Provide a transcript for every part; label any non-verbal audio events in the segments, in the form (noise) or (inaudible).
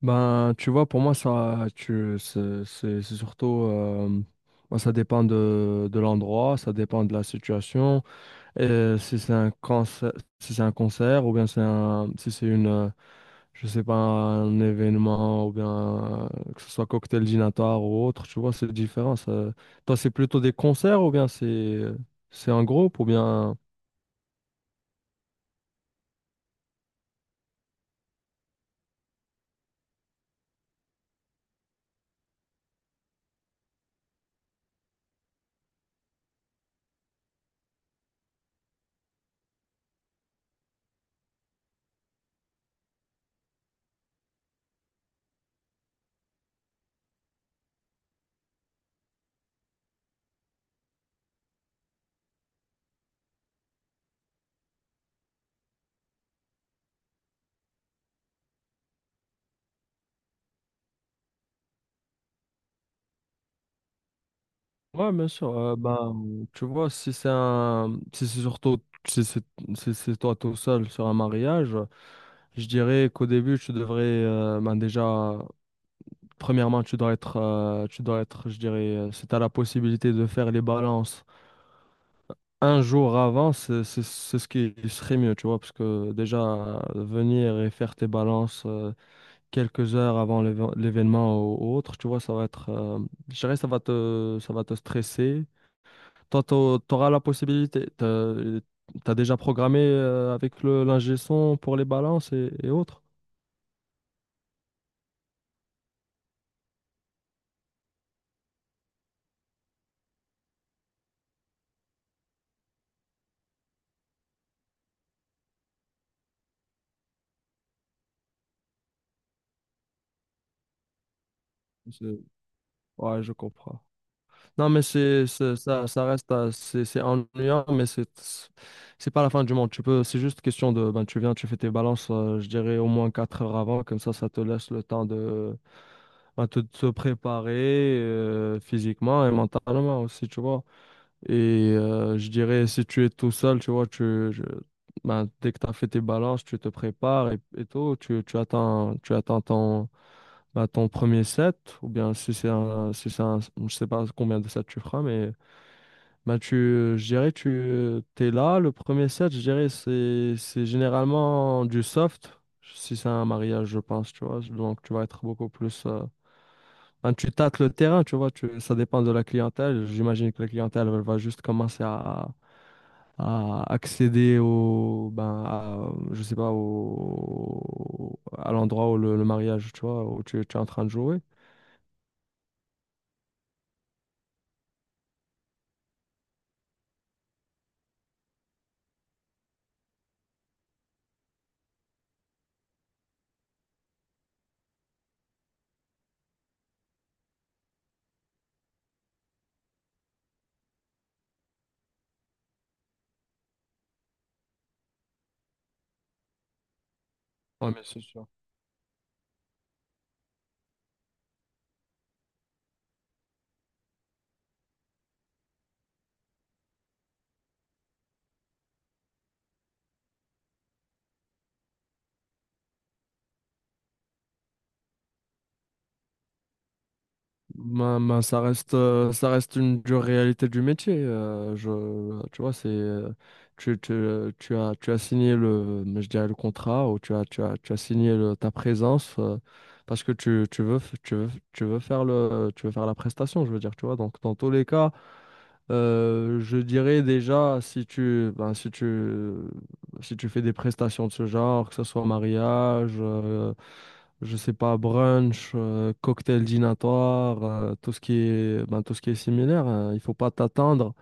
Ben, tu vois, pour moi, ça, tu, c'est surtout, moi, ça dépend de l'endroit, ça dépend de la situation, et si c'est un concert, si c'est un concert, ou bien c'est un, si c'est une, je sais pas, un événement, ou bien que ce soit cocktail dînatoire ou autre, tu vois, c'est différent. Ça. Toi, c'est plutôt des concerts, ou bien c'est un groupe, ou bien. Ouais, bien sûr. Bah, tu vois, si c'est un, si c'est surtout, si c'est, si c'est toi tout seul sur un mariage, je dirais qu'au début, tu devrais, ben déjà, premièrement, tu dois être, je dirais, si tu as la possibilité de faire les balances un jour avant, c'est ce qui serait mieux, tu vois, parce que déjà, venir et faire tes balances quelques heures avant l'événement ou autre, tu vois, ça va être, je dirais, ça va te stresser. Toi, t'auras la possibilité. T'as, t'as déjà programmé avec le l'ingé son pour les balances et autres. Je- Ouais, je comprends. Non, mais c'est, ça, ça reste, c'est ennuyant, mais c'est pas la fin du monde. Tu peux, c'est juste question de, ben, tu viens, tu fais tes balances, je dirais au moins 4 heures avant, comme ça te laisse le temps de, ben, te préparer physiquement et mentalement aussi, tu vois. Et je dirais, si tu es tout seul, tu vois, tu, je- ben, dès que tu as fait tes balances, tu te prépares et tout, tu, tu attends ton, ben, ton premier set, ou bien si c'est un, si c'est un, je sais pas combien de sets tu feras, mais. Ben tu, je dirais, tu es là. Le premier set, je dirais, c'est généralement du soft, si c'est un mariage, je pense, tu vois. Donc, tu vas être beaucoup plus, ben, tu tâtes le terrain, tu vois. Tu, ça dépend de la clientèle. J'imagine que la clientèle, elle va juste commencer à accéder au, ben, à, je sais pas, au, à l'endroit où le mariage, tu vois, où tu es en train de jouer. Ouais, mais c'est sûr. Ben, ben, ça reste une dure réalité du métier. Je, tu vois, c'est, tu, tu, tu as signé le, mais je dirais le contrat ou tu as, tu as, tu as ta présence parce que tu veux, tu veux, tu veux faire le, tu veux faire la prestation, je veux dire, tu vois. Donc, dans tous les cas, je dirais déjà, si tu, ben, si tu, si tu fais des prestations de ce genre, que ce soit mariage, je sais pas, brunch, cocktail dînatoire, tout ce qui est, ben, tout ce qui est similaire, hein, il faut pas t'attendre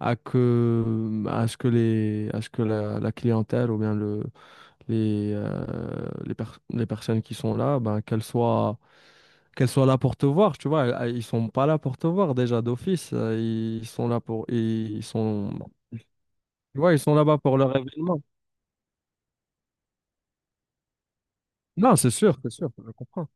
à que, à ce que les, à ce que la clientèle ou bien le, les, euh, les, les personnes qui sont là, ben, qu'elles soient là pour te voir, tu vois. Ils sont pas là pour te voir déjà d'office. Ils sont là pour, ils sont, tu vois, ils sont là-bas pour leur événement. Non, c'est sûr, je comprends.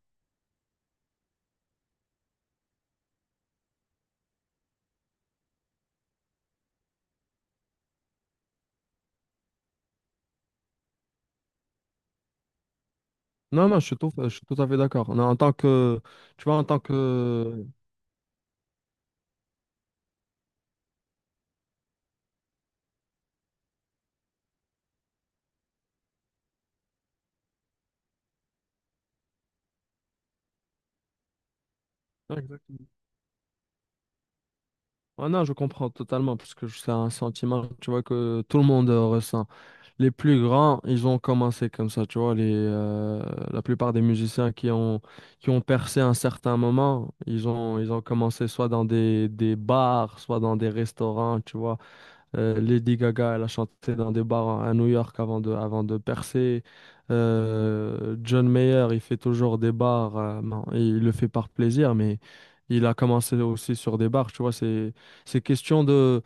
Non, non, je suis tout à fait d'accord. Non, en tant que, tu vois, en tant que, ouais, exactement. Ouais, non, je comprends totalement parce que c'est un sentiment, tu vois, que tout le monde ressent. Les plus grands, ils ont commencé comme ça, tu vois. Les, la plupart des musiciens qui ont percé à un certain moment, ils ont commencé soit dans des bars, soit dans des restaurants, tu vois. Lady Gaga, elle a chanté dans des bars à New York avant de percer. John Mayer, il fait toujours des bars. Bon, il le fait par plaisir, mais il a commencé aussi sur des bars, tu vois. C'est question de...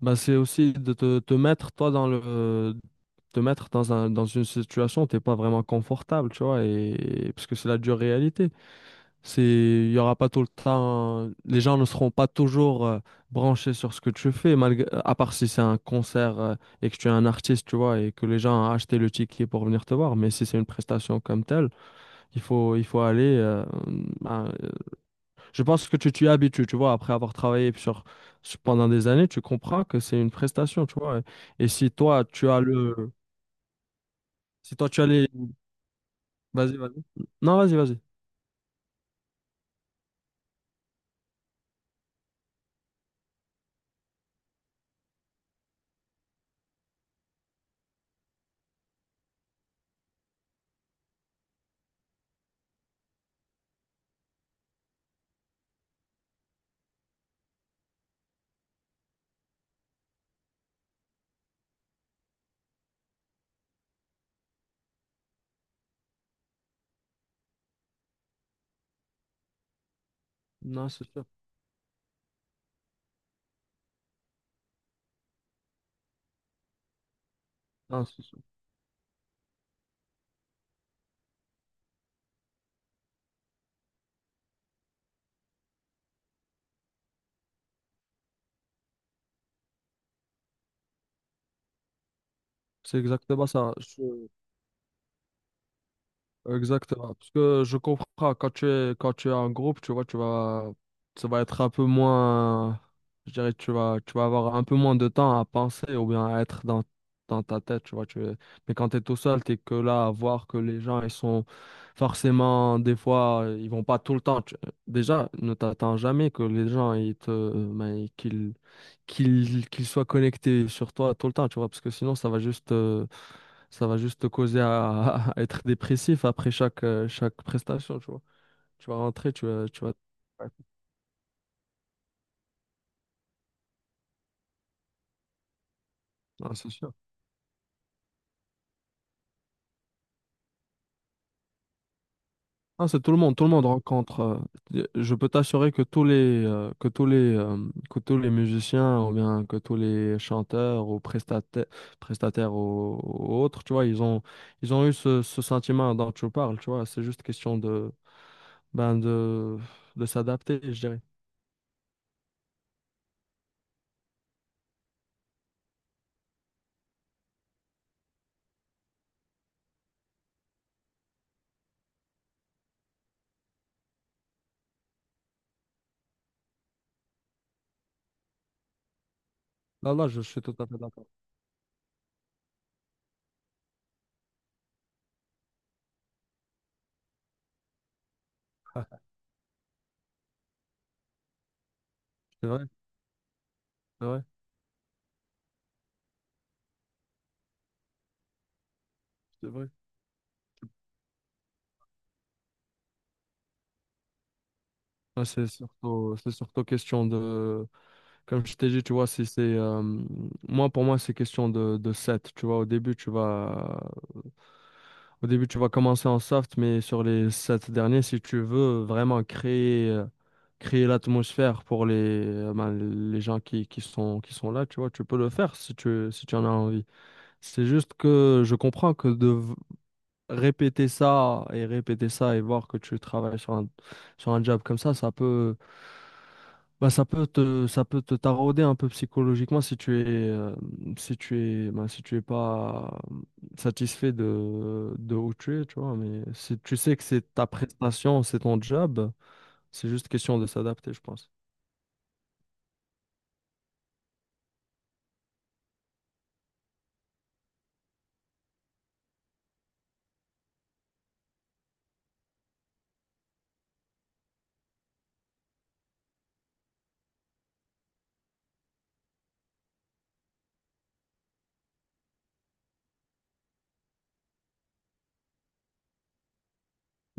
Bah, c'est aussi de te, te mettre toi dans le te mettre dans un, dans une situation où t'es pas vraiment confortable, tu vois, et parce que c'est la dure réalité. C'est, il y aura pas tout le temps, les gens ne seront pas toujours branchés sur ce que tu fais, malgré, à part si c'est un concert et que tu es un artiste, tu vois, et que les gens ont acheté le ticket pour venir te voir. Mais si c'est une prestation comme telle, il faut, il faut aller, à- je pense que tu t'y habitues, tu vois, après avoir travaillé sur, pendant des années, tu comprends que c'est une prestation, tu vois. Et si toi, tu as le, si toi, tu as les vas-y, vas-y. Non, vas-y, vas-y. Non, c'est sûr. Non, c'est sûr. C'est exactement ça. Je, exactement. Parce que je comprends, quand tu es en groupe, tu vois, tu vas, ça va être un peu moins, je dirais, tu vas avoir un peu moins de temps à penser ou bien à être dans, dans ta tête, tu vois. Mais quand tu es tout seul, tu es que là à voir que les gens, ils sont forcément, des fois, ils vont pas tout le temps. Tu- déjà, ne t'attends jamais que les gens, ils te, ben, qu'ils, qu'ils, qu'ils soient connectés sur toi tout le temps, tu vois, parce que sinon, ça va juste ça va juste te causer à, (laughs) à être dépressif après chaque, chaque prestation, tu vois. Tu vas rentrer, tu vas... Ouais. Non, c'est sûr. Non, c'est tout le monde rencontre. Je peux t'assurer que tous les, que tous les, que tous les musiciens ou bien que tous les chanteurs ou prestataires, prestataires ou autres, tu vois, ils ont eu ce, ce sentiment dont tu parles, tu vois. C'est juste question de, ben de s'adapter, je dirais. Là, là, je suis tout à fait d'accord. (laughs) C'est vrai, c'est vrai, c'est vrai. Ah, c'est surtout, c'est surtout question de, comme je t'ai dit, tu vois, si c'est, moi, pour moi, c'est question de set, tu vois, au début, tu vas, au début, tu vas commencer en soft, mais sur les sept derniers, si tu veux vraiment créer, créer l'atmosphère pour les, ben, les gens qui sont là, tu vois, tu peux le faire si tu, si tu en as envie. C'est juste que je comprends que de, répéter ça et voir que tu travailles sur un job comme ça peut, bah, ça peut te tarauder un peu psychologiquement si tu es, si tu es, bah, si tu es pas satisfait de où tu es, tu vois. Mais si tu sais que c'est ta prestation, c'est ton job, c'est juste question de s'adapter, je pense.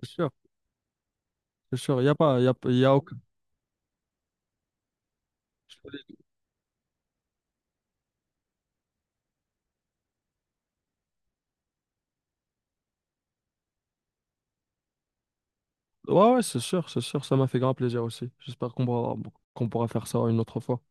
C'est sûr, c'est sûr. Il y a pas, il y a, y a aucun- ouais, ouais, c'est sûr, c'est sûr. Ça m'a fait grand plaisir aussi. J'espère qu'on pourra faire ça une autre fois.